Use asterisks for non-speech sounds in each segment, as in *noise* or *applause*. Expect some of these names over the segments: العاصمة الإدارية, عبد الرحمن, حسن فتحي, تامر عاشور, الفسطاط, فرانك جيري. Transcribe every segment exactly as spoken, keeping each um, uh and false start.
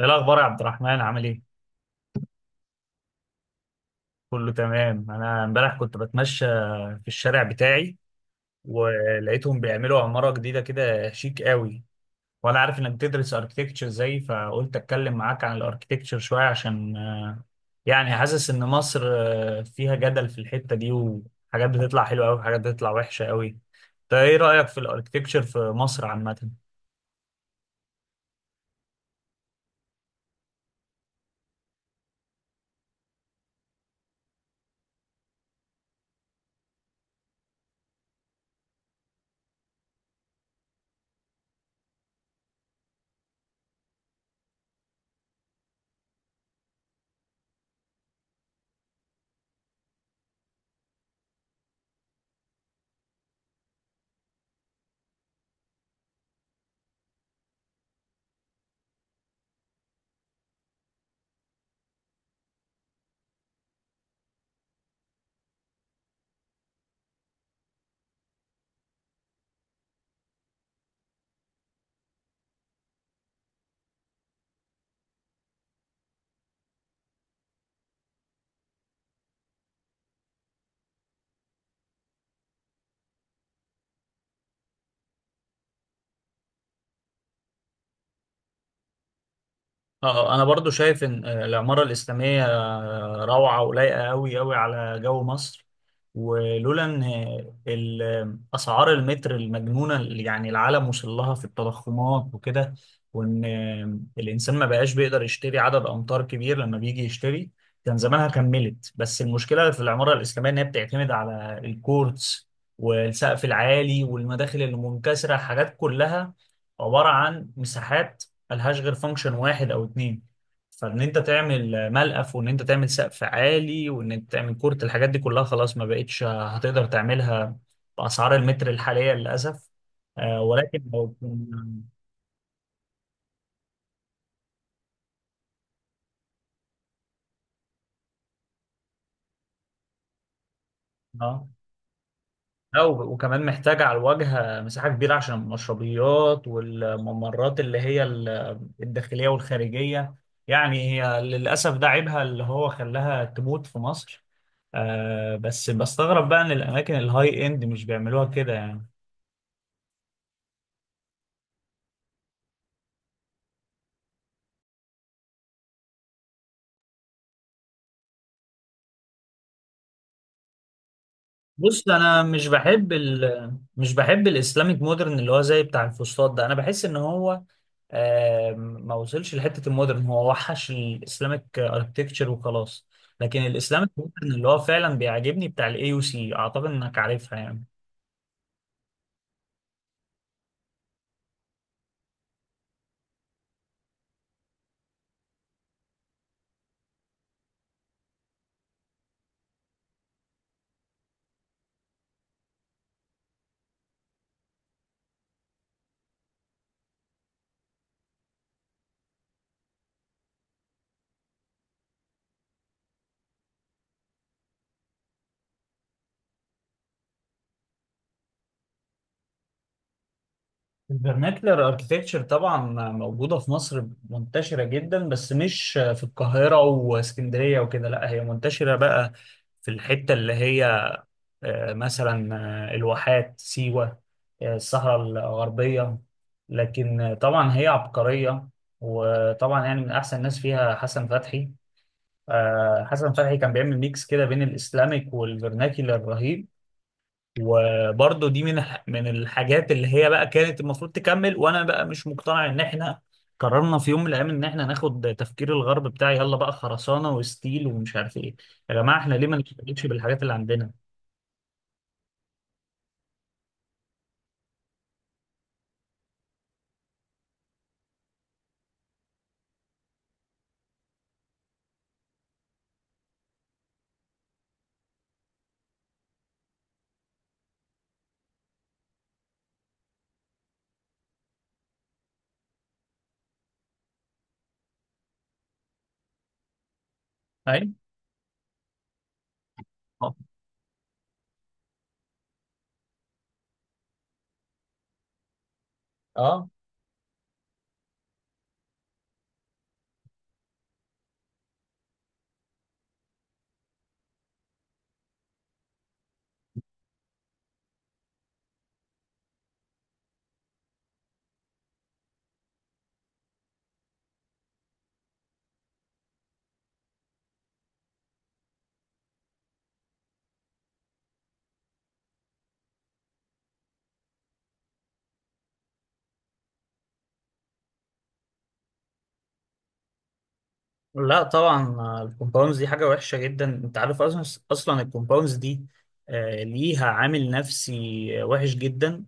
ايه الاخبار يا عبد الرحمن، عامل ايه؟ كله تمام. انا امبارح كنت بتمشى في الشارع بتاعي، ولقيتهم بيعملوا عمارة جديدة كده شيك قوي. وانا عارف انك بتدرس اركتكتشر زي، فقلت اتكلم معاك عن الاركتكتشر شوية، عشان يعني حاسس ان مصر آه، فيها جدل في الحتة دي، وحاجات بتطلع حلوة قوي وحاجات بتطلع وحشة قوي. انت ايه رأيك في الاركتكتشر في مصر عامة؟ اه. آه، انا برضو شايف ان آه، العمارة الإسلامية آه، روعة ولايقة قوي قوي على جو مصر. ولولا ان آه، ال- آه، اسعار المتر المجنونة اللي يعني العالم وصل لها في التضخمات وكده، وان آه، الانسان ما بقاش بيقدر يشتري عدد امتار كبير لما بيجي يشتري، كان زمانها كملت. بس المشكلة في العمارة الإسلامية ان هي بتعتمد على الكورتس والسقف العالي والمداخل المنكسرة، حاجات كلها عبارة عن مساحات ملهاش غير فانكشن واحد او اتنين. فان انت تعمل ملقف، وان انت تعمل سقف عالي، وان انت تعمل كورت، الحاجات دي كلها خلاص ما بقتش هتقدر تعملها باسعار المتر الحاليه للاسف. آه، ولكن لو كنا- اه. لا و- وكمان محتاج على الواجهة مساحة كبيرة عشان المشربيات والممرات اللي هي ال- الداخلية والخارجية. يعني هي للأسف ده عيبها اللي هو خلاها تموت في مصر. آه بس بستغرب بقى إن الأماكن الهاي إند مش بيعملوها كده يعني. بص، أنا مش بحب ال مش بحب الإسلاميك مودرن اللي هو زي بتاع الفسطاط ده. أنا بحس إن هو آم، ما وصلش لحته المودرن، هو وحش الاسلامك اركتكتشر وخلاص. لكن الاسلامك مودرن اللي هو فعلا بيعجبني بتاع الاي يو سي، اعتقد انك عارفها يعني. الفرناكلر اركتكتشر طبعا موجوده في مصر، منتشره جدا، بس مش في القاهره واسكندريه وكده. لا هي منتشره بقى في الحته اللي هي آه، مثلا آه، الواحات، سيوة، آه، الصحراء الغربية. لكن آه، طبعا هي عبقرية. وطبعا يعني من أحسن الناس فيها حسن فتحي. آه، حسن فتحي كان بيعمل ميكس كده بين الإسلاميك والفرناكي الرهيب. وبرضه دي من من الحاجات اللي هي بقى كانت المفروض تكمل. وأنا بقى مش مقتنع إن إحنا قررنا في يوم من الأيام إن إحنا ناخد تفكير الغرب بتاع، يلا بقى خرسانة وستيل ومش عارف إيه. يا جماعة، إحنا ليه ما نشتغلش بالحاجات اللي عندنا؟ أي؟ اه. لا طبعا. آه، الكومباوندز دي حاجة وحشة جدا. انت عارف اصلا، اصلا الكومباوندز دي آه، ليها عامل نفسي آه، وحش جدا.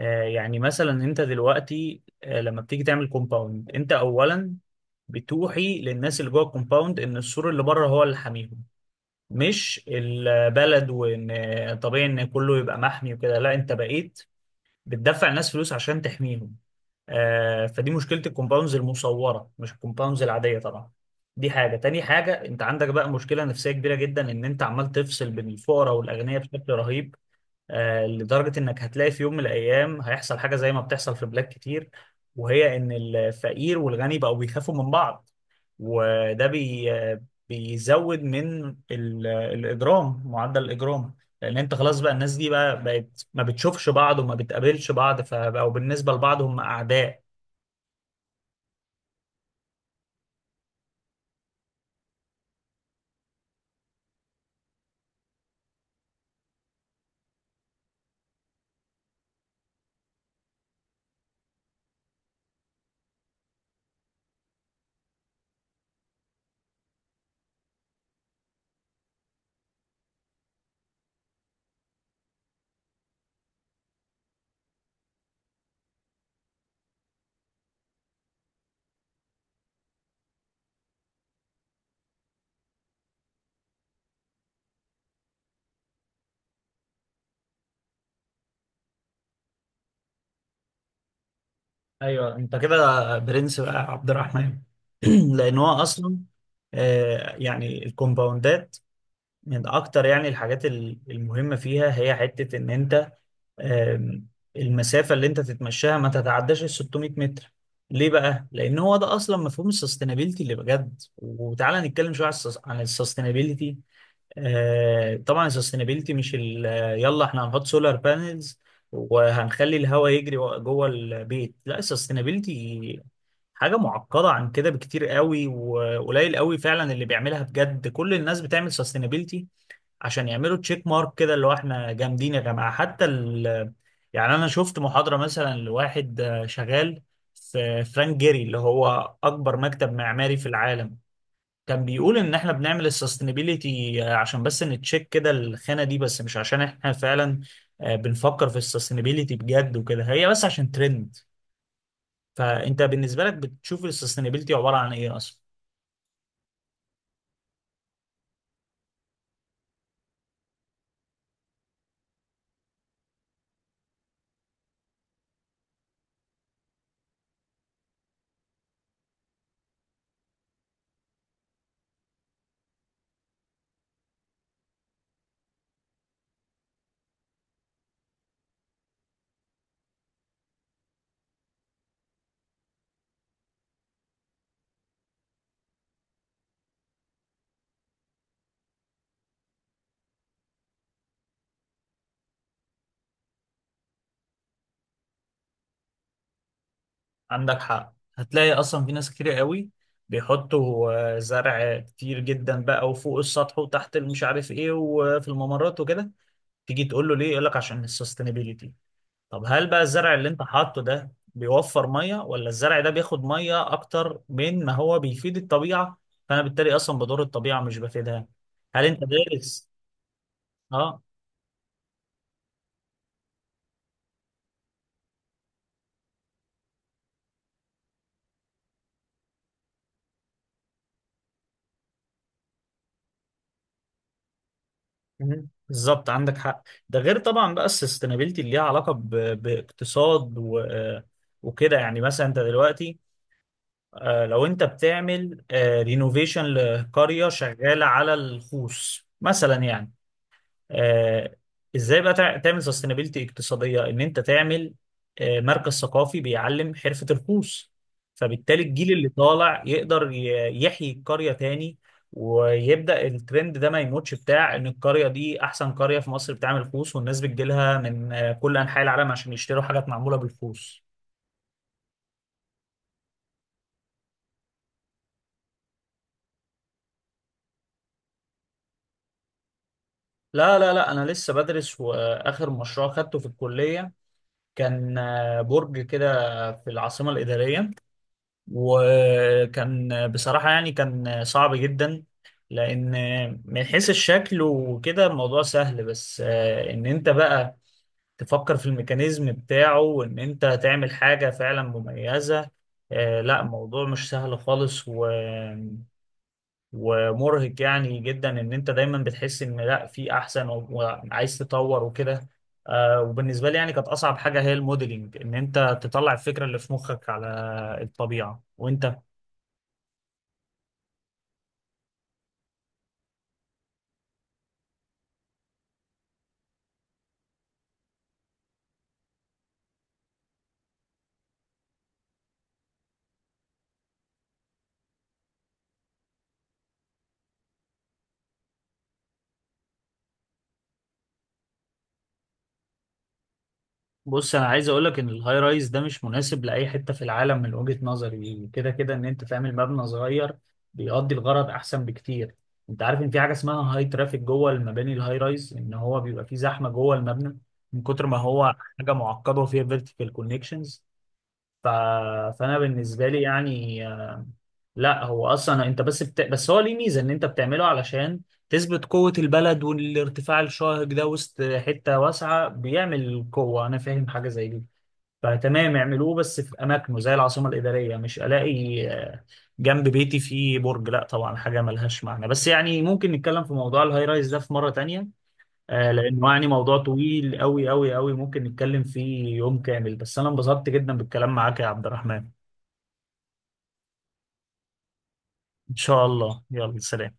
آه، يعني مثلا انت دلوقتي آه، لما بتيجي تعمل كومباوند، انت اولا بتوحي للناس اللي جوه الكومباوند ان السور اللي بره هو اللي حاميهم، مش البلد. وان آه، طبيعي ان كله يبقى محمي وكده، لا، انت بقيت بتدفع الناس فلوس عشان تحميهم. آه، فدي مشكلة الكومباوندز المصورة، مش الكومباوندز العادية طبعا. دي حاجة. تاني حاجة، انت عندك بقى مشكلة نفسية كبيرة جدا، ان انت عمال تفصل بين الفقراء والأغنياء بشكل رهيب. آه، لدرجة انك هتلاقي في يوم من الأيام هيحصل حاجة زي ما بتحصل في بلاد كتير، وهي ان الفقير والغني بقوا بيخافوا من بعض. وده بي بيزود من ال- الإجرام، معدل الإجرام. لأن أنت خلاص بقى الناس دي بقى بقت ما بتشوفش بعض وما بتقابلش بعض، فبقوا بالنسبة لبعض هم أعداء. ايوه، انت كده برنس بقى يا عبد الرحمن. *clears throat* لان هو اصلا آه، يعني الكومباوندات من اكتر يعني الحاجات ال- المهمه فيها، هي حته ان انت آم، المسافه اللي انت تتمشاها ما تتعداش ال ستمائة متر. ليه بقى؟ لان هو ده اصلا مفهوم السستينابيلتي اللي بجد. وتعالى نتكلم شويه عن السستينابيلتي. آه، طبعا السستينابيلتي مش ال يلا احنا هنحط سولار بانلز وهنخلي الهواء يجري جوه البيت، لا، السستينابيلتي حاجة معقدة عن كده بكتير قوي. وقليل قوي فعلا اللي بيعملها بجد. كل الناس بتعمل سستينابيلتي عشان يعملوا تشيك مارك كده، اللي هو احنا جامدين يا جماعة. حتى ال يعني انا شفت محاضرة مثلا لواحد آه، شغال في فرانك جيري، اللي هو اكبر مكتب معماري في العالم، كان بيقول ان احنا بنعمل السستينابيليتي عشان بس نتشيك كده الخانة دي بس، مش عشان احنا فعلا آه، بنفكر في السستينابيليتي بجد وكده. هي بس عشان ترند. فانت بالنسبة لك بتشوف السستينابيليتي عبارة عن ايه اصلا؟ عندك حق، هتلاقي اصلا في ناس كتير قوي بيحطوا آه، زرع كتير جدا بقى، وفوق السطح وتحت، مش عارف ايه، وفي الممرات وكده. تيجي تقول له ليه، يقول لك عشان السستينابيليتي. طب هل بقى الزرع اللي انت حاطه ده بيوفر ميه، ولا الزرع ده بياخد ميه اكتر من ما هو بيفيد الطبيعه؟ فانا بالتالي اصلا بضر الطبيعه، مش بفيدها. هل انت دارس؟ اه. مهم. بالظبط، عندك حق. ده غير طبعا بقى السستينابيلتي اللي ليها علاقه ب... باقتصاد و... آه، وكده يعني. مثلا انت دلوقتي آه، لو انت بتعمل رينوفيشن لقريه شغاله على الخوص مثلا يعني، آه، ازاي بقى تع- تعمل سستينابيلتي اقتصاديه؟ ان انت تعمل آه، مركز ثقافي بيعلم حرفه الخوص، فبالتالي الجيل اللي طالع يقدر ي- يحيي القريه تاني. ويبدا الترند ده ما يموتش، بتاع ان القريه دي احسن قريه في مصر بتعمل خوص، والناس بتجيلها من آه، كل انحاء العالم عشان يشتروا حاجات معموله بالخوص. لا لا لا انا لسه بدرس. واخر مشروع خدته في الكليه كان آه، برج كده في العاصمه الاداريه. وكان بصراحة يعني كان صعب جدا. لأن من حيث الشكل وكده الموضوع سهل، بس آه، إن أنت بقى تفكر في الميكانيزم بتاعه وإن أنت تعمل حاجة فعلا مميزة، آه، لا، الموضوع مش سهل خالص و... ومرهق يعني جدا. إن أنت دايما بتحس إن لا، في أحسن، و- وعايز تطور وكده. آه، وبالنسبة لي يعني كانت أصعب حاجة هي الموديلينج، إن أنت تطلع الفكرة اللي في مخك على الطبيعة، وأنت. بص، انا عايز اقول لك ان الهاي رايز ده مش مناسب لاي حته في العالم من وجهه نظري يعني. كده كده ان انت تعمل مبنى صغير بيقضي الغرض احسن بكتير. انت عارف ان في حاجه اسمها هاي ترافيك جوه المباني الهاي رايز، ان هو بيبقى فيه زحمه جوه المبنى من كتر ما هو حاجه معقده وفيها فيرتيكال كونكشنز. ف... فانا بالنسبه لي يعني آه، لا هو اصلا انت بس بت... بس هو ليه ميزه؟ ان انت بتعمله علشان تثبت قوه البلد، والارتفاع الشاهق ده وسط حته واسعه بيعمل قوه، انا فاهم حاجه زي دي. فتمام، اعملوه بس في اماكنه زي العاصمه الاداريه. مش الاقي آه، جنب بيتي فيه برج، لا طبعا، حاجه ملهاش معنى. بس يعني ممكن نتكلم في موضوع الهاي رايز ده في مره تانية، آه، لانه يعني موضوع طويل قوي قوي قوي، ممكن نتكلم فيه يوم كامل. بس انا انبسطت جدا بالكلام معاك يا عبد الرحمن. ان شاء الله، يلا سلام.